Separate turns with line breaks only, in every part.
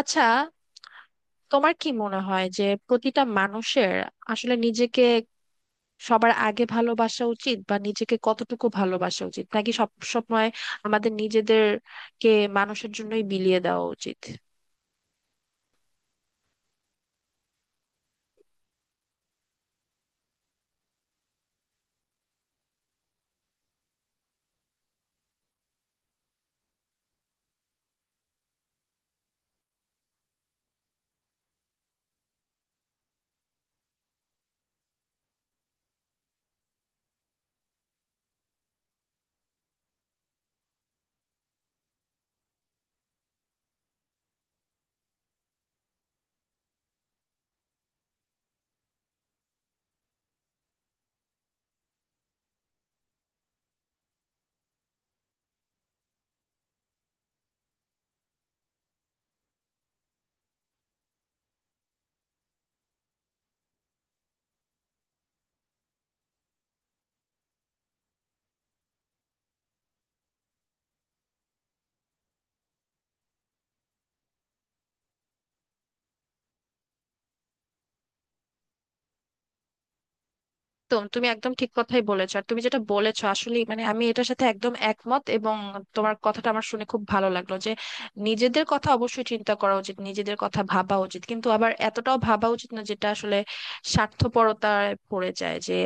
আচ্ছা, তোমার কি মনে হয় যে প্রতিটা মানুষের আসলে নিজেকে সবার আগে ভালোবাসা উচিত, বা নিজেকে কতটুকু ভালোবাসা উচিত, নাকি সব সময় আমাদের নিজেদেরকে মানুষের জন্যই বিলিয়ে দেওয়া উচিত? একদম, তুমি একদম ঠিক কথাই বলেছো। আর তুমি যেটা বলেছো আসলে মানে আমি এটার সাথে একদম একমত, এবং তোমার কথাটা আমার শুনে খুব ভালো লাগলো যে নিজেদের কথা অবশ্যই চিন্তা করা উচিত, নিজেদের কথা ভাবা উচিত, কিন্তু আবার এতটাও ভাবা উচিত না যেটা আসলে স্বার্থপরতায় পড়ে যায়, যে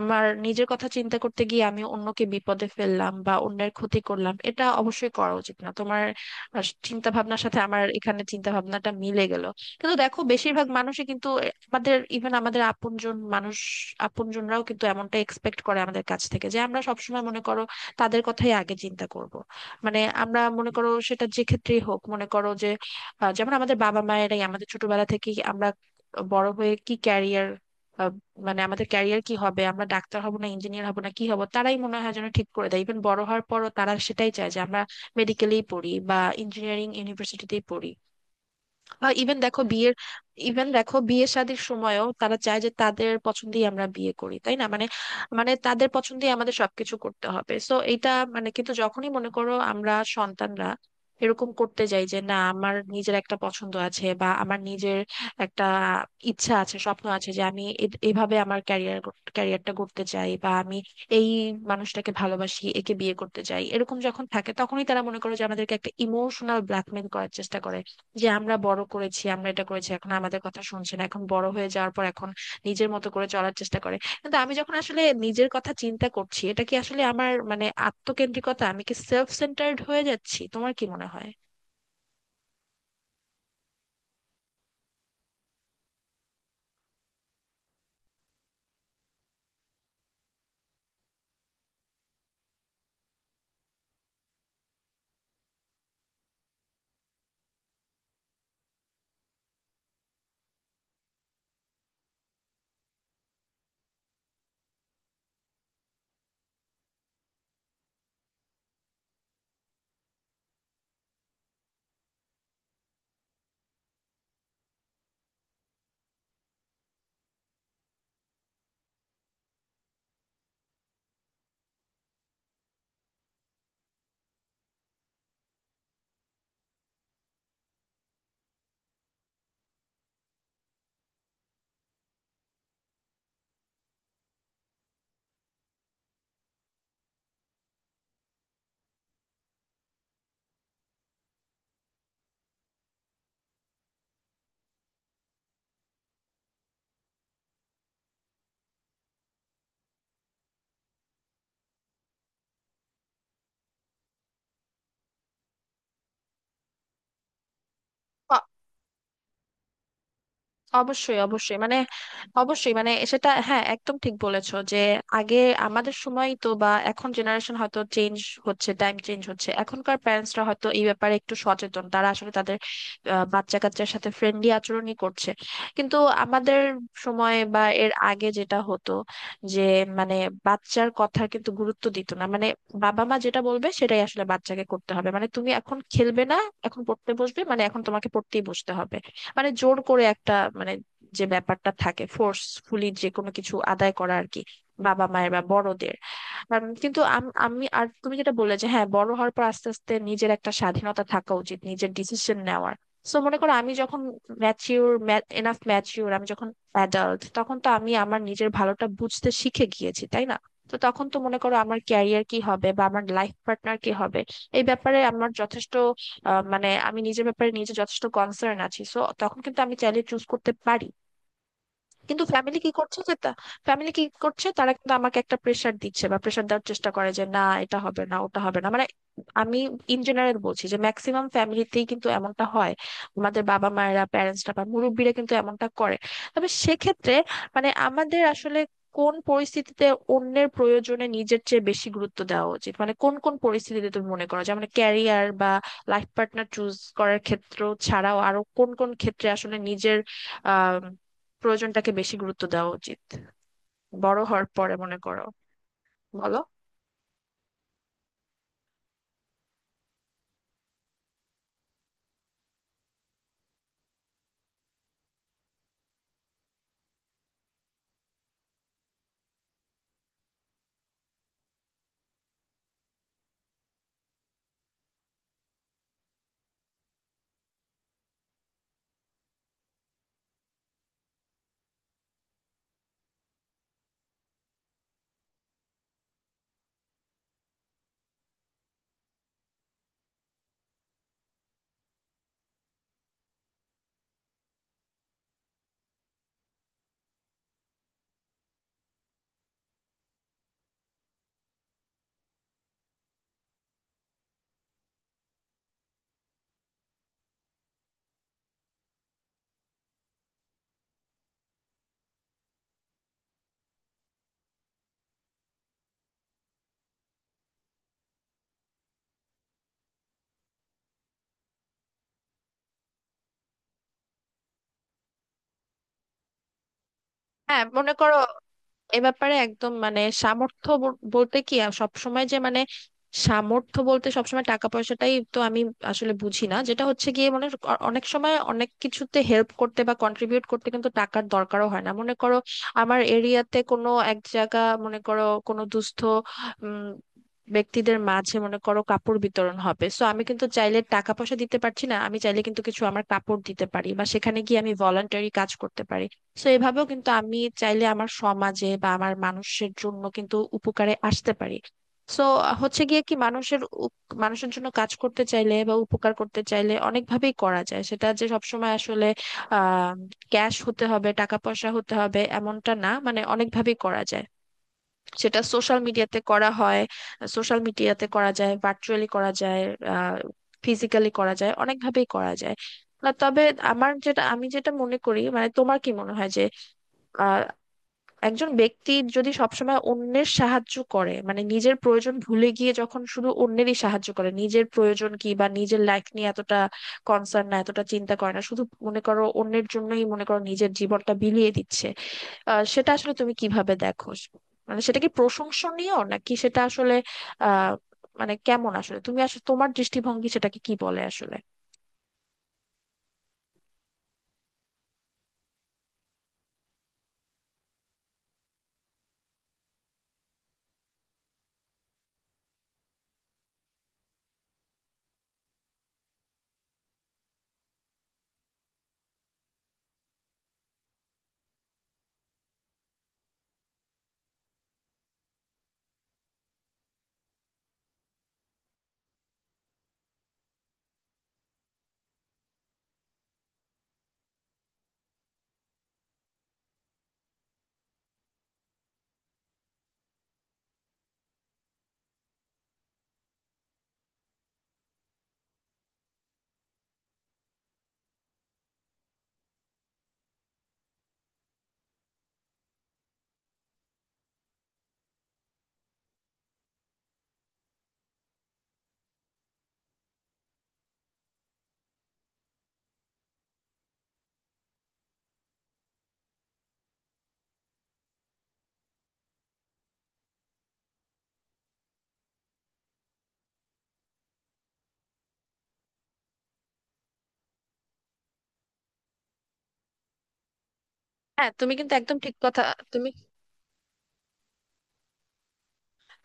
আমার নিজের কথা চিন্তা করতে গিয়ে আমি অন্যকে বিপদে ফেললাম বা অন্যের ক্ষতি করলাম। এটা অবশ্যই করা উচিত না। তোমার চিন্তা ভাবনার সাথে আমার এখানে চিন্তা ভাবনাটা মিলে গেল। কিন্তু দেখো বেশিরভাগ মানুষই কিন্তু আমাদের ইভেন আমাদের আপনজন মানুষ, আপনজনরাও কিন্তু এমনটা এক্সপেক্ট করে আমাদের কাছ থেকে যে আমরা সবসময় মনে করো তাদের কথাই আগে চিন্তা করব। মানে আমরা মনে করো সেটা যে ক্ষেত্রেই হোক, মনে করো যে যেমন আমাদের বাবা মায়েরাই আমাদের ছোটবেলা থেকেই আমরা বড় হয়ে কি ক্যারিয়ার, মানে আমাদের ক্যারিয়ার কি হবে, আমরা ডাক্তার হব না ইঞ্জিনিয়ার হব না কি হব তারাই মনে হয় যেন ঠিক করে দেয়। ইভেন বড় হওয়ার পরও তারা সেটাই চায় যে আমরা মেডিকেলেই পড়ি বা ইঞ্জিনিয়ারিং ইউনিভার্সিটিতেই পড়ি, বা ইভেন দেখো বিয়ের, ইভেন দেখো বিয়ে শাদীর সময়ও তারা চায় যে তাদের পছন্দেই আমরা বিয়ে করি, তাই না? মানে, মানে তাদের পছন্দেই আমাদের সবকিছু করতে হবে। সো এটা, মানে কিন্তু যখনই মনে করো আমরা সন্তানরা এরকম করতে যাই যে না আমার নিজের একটা পছন্দ আছে বা আমার নিজের একটা ইচ্ছা আছে, স্বপ্ন আছে যে আমি এভাবে আমার ক্যারিয়ার, ক্যারিয়ারটা করতে চাই, বা আমি এই মানুষটাকে ভালোবাসি একে বিয়ে করতে চাই, এরকম যখন থাকে তখনই তারা মনে করে যে আমাদেরকে একটা ইমোশনাল ব্ল্যাকমেল করার চেষ্টা করে যে আমরা বড় করেছি, আমরা এটা করেছি, এখন আমাদের কথা শুনছে না, এখন বড় হয়ে যাওয়ার পর এখন নিজের মতো করে চলার চেষ্টা করে। কিন্তু আমি যখন আসলে নিজের কথা চিন্তা করছি, এটা কি আসলে আমার মানে আত্মকেন্দ্রিকতা, আমি কি সেলফ সেন্টার্ড হয়ে যাচ্ছি? তোমার কি মনে হয়? অবশ্যই, অবশ্যই, মানে, অবশ্যই মানে সেটা হ্যাঁ একদম ঠিক বলেছো যে আগে, আমাদের সময় তো, বা এখন জেনারেশন হয়তো চেঞ্জ হচ্ছে, টাইম চেঞ্জ হচ্ছে, এখনকার প্যারেন্টসরা হয়তো এই ব্যাপারে একটু সচেতন, তারা আসলে তাদের বাচ্চা কাচ্চার সাথে ফ্রেন্ডলি আচরণই করছে। কিন্তু আমাদের সময় বা এর আগে যেটা হতো যে মানে বাচ্চার কথার কিন্তু গুরুত্ব দিত না, মানে বাবা মা যেটা বলবে সেটাই আসলে বাচ্চাকে করতে হবে, মানে তুমি এখন খেলবে না, এখন পড়তে বসবে, মানে এখন তোমাকে পড়তেই বসতে হবে, মানে জোর করে একটা, মানে যে ব্যাপারটা থাকে ফোর্সফুলি যে কোনো কিছু আদায় করা আর কি, বাবা মায়ের বা বড়দের। কিন্তু আমি আর তুমি যেটা বললে যে হ্যাঁ বড় হওয়ার পর আস্তে আস্তে নিজের একটা স্বাধীনতা থাকা উচিত, নিজের ডিসিশন নেওয়ার। সো মনে করো আমি যখন ম্যাচিউর, এনাফ ম্যাচিউর, আমি যখন অ্যাডাল্ট, তখন তো আমি আমার নিজের ভালোটা বুঝতে শিখে গিয়েছি, তাই না? তো তখন তো মনে করো আমার ক্যারিয়ার কি হবে বা আমার লাইফ পার্টনার কি হবে, এই ব্যাপারে আমার যথেষ্ট, মানে আমি নিজের ব্যাপারে নিজে যথেষ্ট কনসার্ন আছি, সো তখন কিন্তু আমি চাইলে চুজ করতে পারি। কিন্তু ফ্যামিলি কি করছে যে ফ্যামিলি কি করছে, তারা কিন্তু আমাকে একটা প্রেশার দিচ্ছে বা প্রেশার দেওয়ার চেষ্টা করে যে না এটা হবে না ওটা হবে না, মানে আমি ইন জেনারেল বলছি যে ম্যাক্সিমাম ফ্যামিলিতেই কিন্তু এমনটা হয়, আমাদের বাবা মায়েরা, প্যারেন্টসরা বা মুরব্বীরা কিন্তু এমনটা করে। তবে সেক্ষেত্রে মানে আমাদের আসলে কোন পরিস্থিতিতে অন্যের প্রয়োজনে নিজের চেয়ে বেশি গুরুত্ব দেওয়া উচিত, মানে কোন কোন পরিস্থিতিতে তুমি মনে করো যে মানে ক্যারিয়ার বা লাইফ পার্টনার চুজ করার ক্ষেত্র ছাড়াও আরো কোন কোন ক্ষেত্রে আসলে নিজের আহ প্রয়োজনটাকে বেশি গুরুত্ব দেওয়া উচিত বড় হওয়ার পরে, মনে করো? বলো। হ্যাঁ, মনে করো এ ব্যাপারে একদম মানে সামর্থ্য বলতে কি সব সময় যে মানে সামর্থ্য বলতে সবসময় টাকা পয়সাটাই তো আমি আসলে বুঝি না, যেটা হচ্ছে গিয়ে মানে অনেক সময় অনেক কিছুতে হেল্প করতে বা কন্ট্রিবিউট করতে কিন্তু টাকার দরকারও হয় না। মনে করো আমার এরিয়াতে কোনো এক জায়গা, মনে করো কোনো দুস্থ উম, ব্যক্তিদের মাঝে মনে করো কাপড় বিতরণ হবে, সো আমি কিন্তু চাইলে টাকা পয়সা দিতে পারছি না, আমি চাইলে কিন্তু কিছু আমার কাপড় দিতে পারি বা সেখানে গিয়ে আমি ভলান্টারি কাজ করতে পারি। তো এভাবেও কিন্তু আমি চাইলে আমার সমাজে বা আমার মানুষের জন্য কিন্তু উপকারে আসতে পারি। তো হচ্ছে গিয়ে কি, মানুষের মানুষের জন্য কাজ করতে চাইলে বা উপকার করতে চাইলে অনেকভাবেই করা যায়, সেটা যে সবসময় আসলে আহ ক্যাশ হতে হবে, টাকা পয়সা হতে হবে এমনটা না, মানে অনেকভাবেই করা যায়। সেটা সোশ্যাল মিডিয়াতে করা হয়, সোশ্যাল মিডিয়াতে করা যায়, ভার্চুয়ালি করা যায়, আহ ফিজিক্যালি করা যায়, অনেকভাবেই করা যায়। না তবে আমার যেটা, আমি যেটা মনে করি, মানে তোমার কি মনে হয় যে আহ একজন ব্যক্তি যদি সবসময় অন্যের সাহায্য করে, মানে নিজের প্রয়োজন ভুলে গিয়ে যখন শুধু অন্যেরই সাহায্য করে, নিজের প্রয়োজন কি বা নিজের লাইফ নিয়ে এতটা কনসার্ন না, এতটা চিন্তা করে না, শুধু মনে করো অন্যের জন্যই মনে করো নিজের জীবনটা বিলিয়ে দিচ্ছে, সেটা আসলে তুমি কিভাবে দেখো? মানে সেটা কি প্রশংসনীয় নাকি সেটা আসলে আহ মানে কেমন আসলে, তুমি আসলে তোমার দৃষ্টিভঙ্গি সেটাকে কি বলে আসলে? হ্যাঁ, তুমি কিন্তু একদম ঠিক কথা। তুমি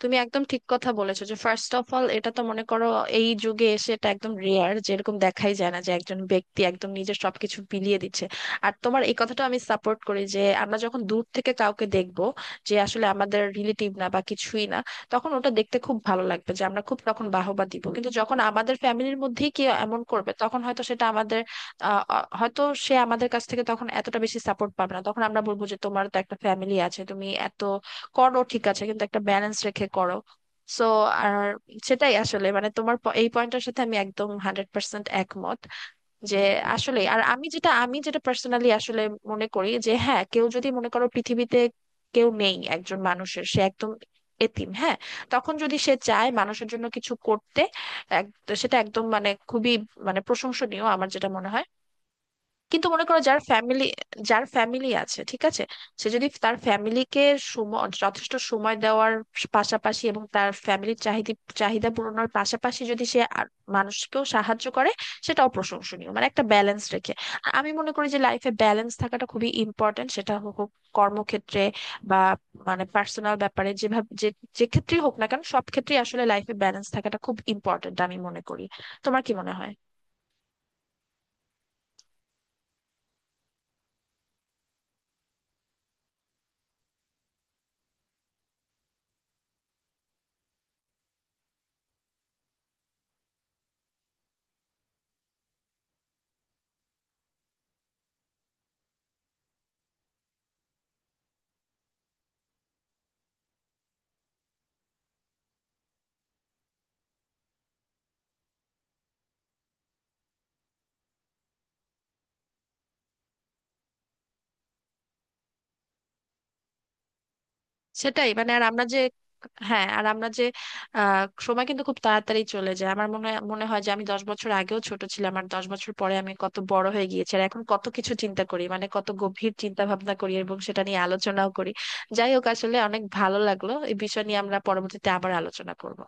তুমি একদম ঠিক কথা বলেছো যে ফার্স্ট অফ অল এটা তো মনে করো এই যুগে এসে এটা একদম রেয়ার, যেরকম দেখাই যায় না যে একজন ব্যক্তি একদম নিজের সবকিছু বিলিয়ে দিচ্ছে। আর তোমার এই কথাটা আমি সাপোর্ট করি যে আমরা যখন দূর থেকে কাউকে দেখব যে আসলে আমাদের রিলেটিভ না বা কিছুই না, তখন ওটা দেখতে খুব ভালো লাগবে, যে আমরা খুব তখন বাহবা দিব। কিন্তু যখন আমাদের ফ্যামিলির মধ্যেই কেউ এমন করবে তখন হয়তো সেটা আমাদের হয়তো সে আমাদের কাছ থেকে তখন এতটা বেশি সাপোর্ট পাবে না, তখন আমরা বলবো যে তোমার তো একটা ফ্যামিলি আছে, তুমি এত করো ঠিক আছে, কিন্তু একটা ব্যালেন্স রেখে করো। সো, আর সেটাই আসলে মানে তোমার এই পয়েন্টটার সাথে আমি একদম হান্ড্রেড পার্সেন্ট একমত যে আসলে, আর আমি যেটা, আমি যেটা পার্সোনালি আসলে মনে করি যে হ্যাঁ কেউ যদি মনে করো পৃথিবীতে কেউ নেই একজন মানুষের, সে একদম এতিম, হ্যাঁ, তখন যদি সে চায় মানুষের জন্য কিছু করতে, এক- সেটা একদম মানে খুবই মানে প্রশংসনীয়, আমার যেটা মনে হয়। কিন্তু মনে করো যার ফ্যামিলি, যার ফ্যামিলি আছে ঠিক আছে, সে যদি তার ফ্যামিলিকে সময়, যথেষ্ট সময় দেওয়ার পাশাপাশি, এবং তার ফ্যামিলির চাহিদা, চাহিদা পূরণের পাশাপাশি যদি সে আর মানুষকেও সাহায্য করে সেটাও প্রশংসনীয়, মানে একটা ব্যালেন্স রেখে। আর আমি মনে করি যে লাইফে ব্যালেন্স থাকাটা খুবই ইম্পর্ট্যান্ট, সেটা হোক হোক কর্মক্ষেত্রে বা মানে পার্সোনাল ব্যাপারে, যেভাবে যে, যে ক্ষেত্রেই হোক না কেন সব ক্ষেত্রেই আসলে লাইফে ব্যালেন্স থাকাটা খুব ইম্পর্ট্যান্ট আমি মনে করি। তোমার কি মনে হয়? সেটাই, মানে আর আমরা যে, হ্যাঁ আর আমরা যে আহ সময় কিন্তু খুব তাড়াতাড়ি চলে যায়, আমার মনে হয়, মনে হয় যে আমি 10 বছর আগেও ছোট ছিলাম, আর 10 বছর পরে আমি কত বড় হয়ে গিয়েছি, আর এখন কত কিছু চিন্তা করি, মানে কত গভীর চিন্তা ভাবনা করি এবং সেটা নিয়ে আলোচনাও করি। যাই হোক, আসলে অনেক ভালো লাগলো, এই বিষয় নিয়ে আমরা পরবর্তীতে আবার আলোচনা করব।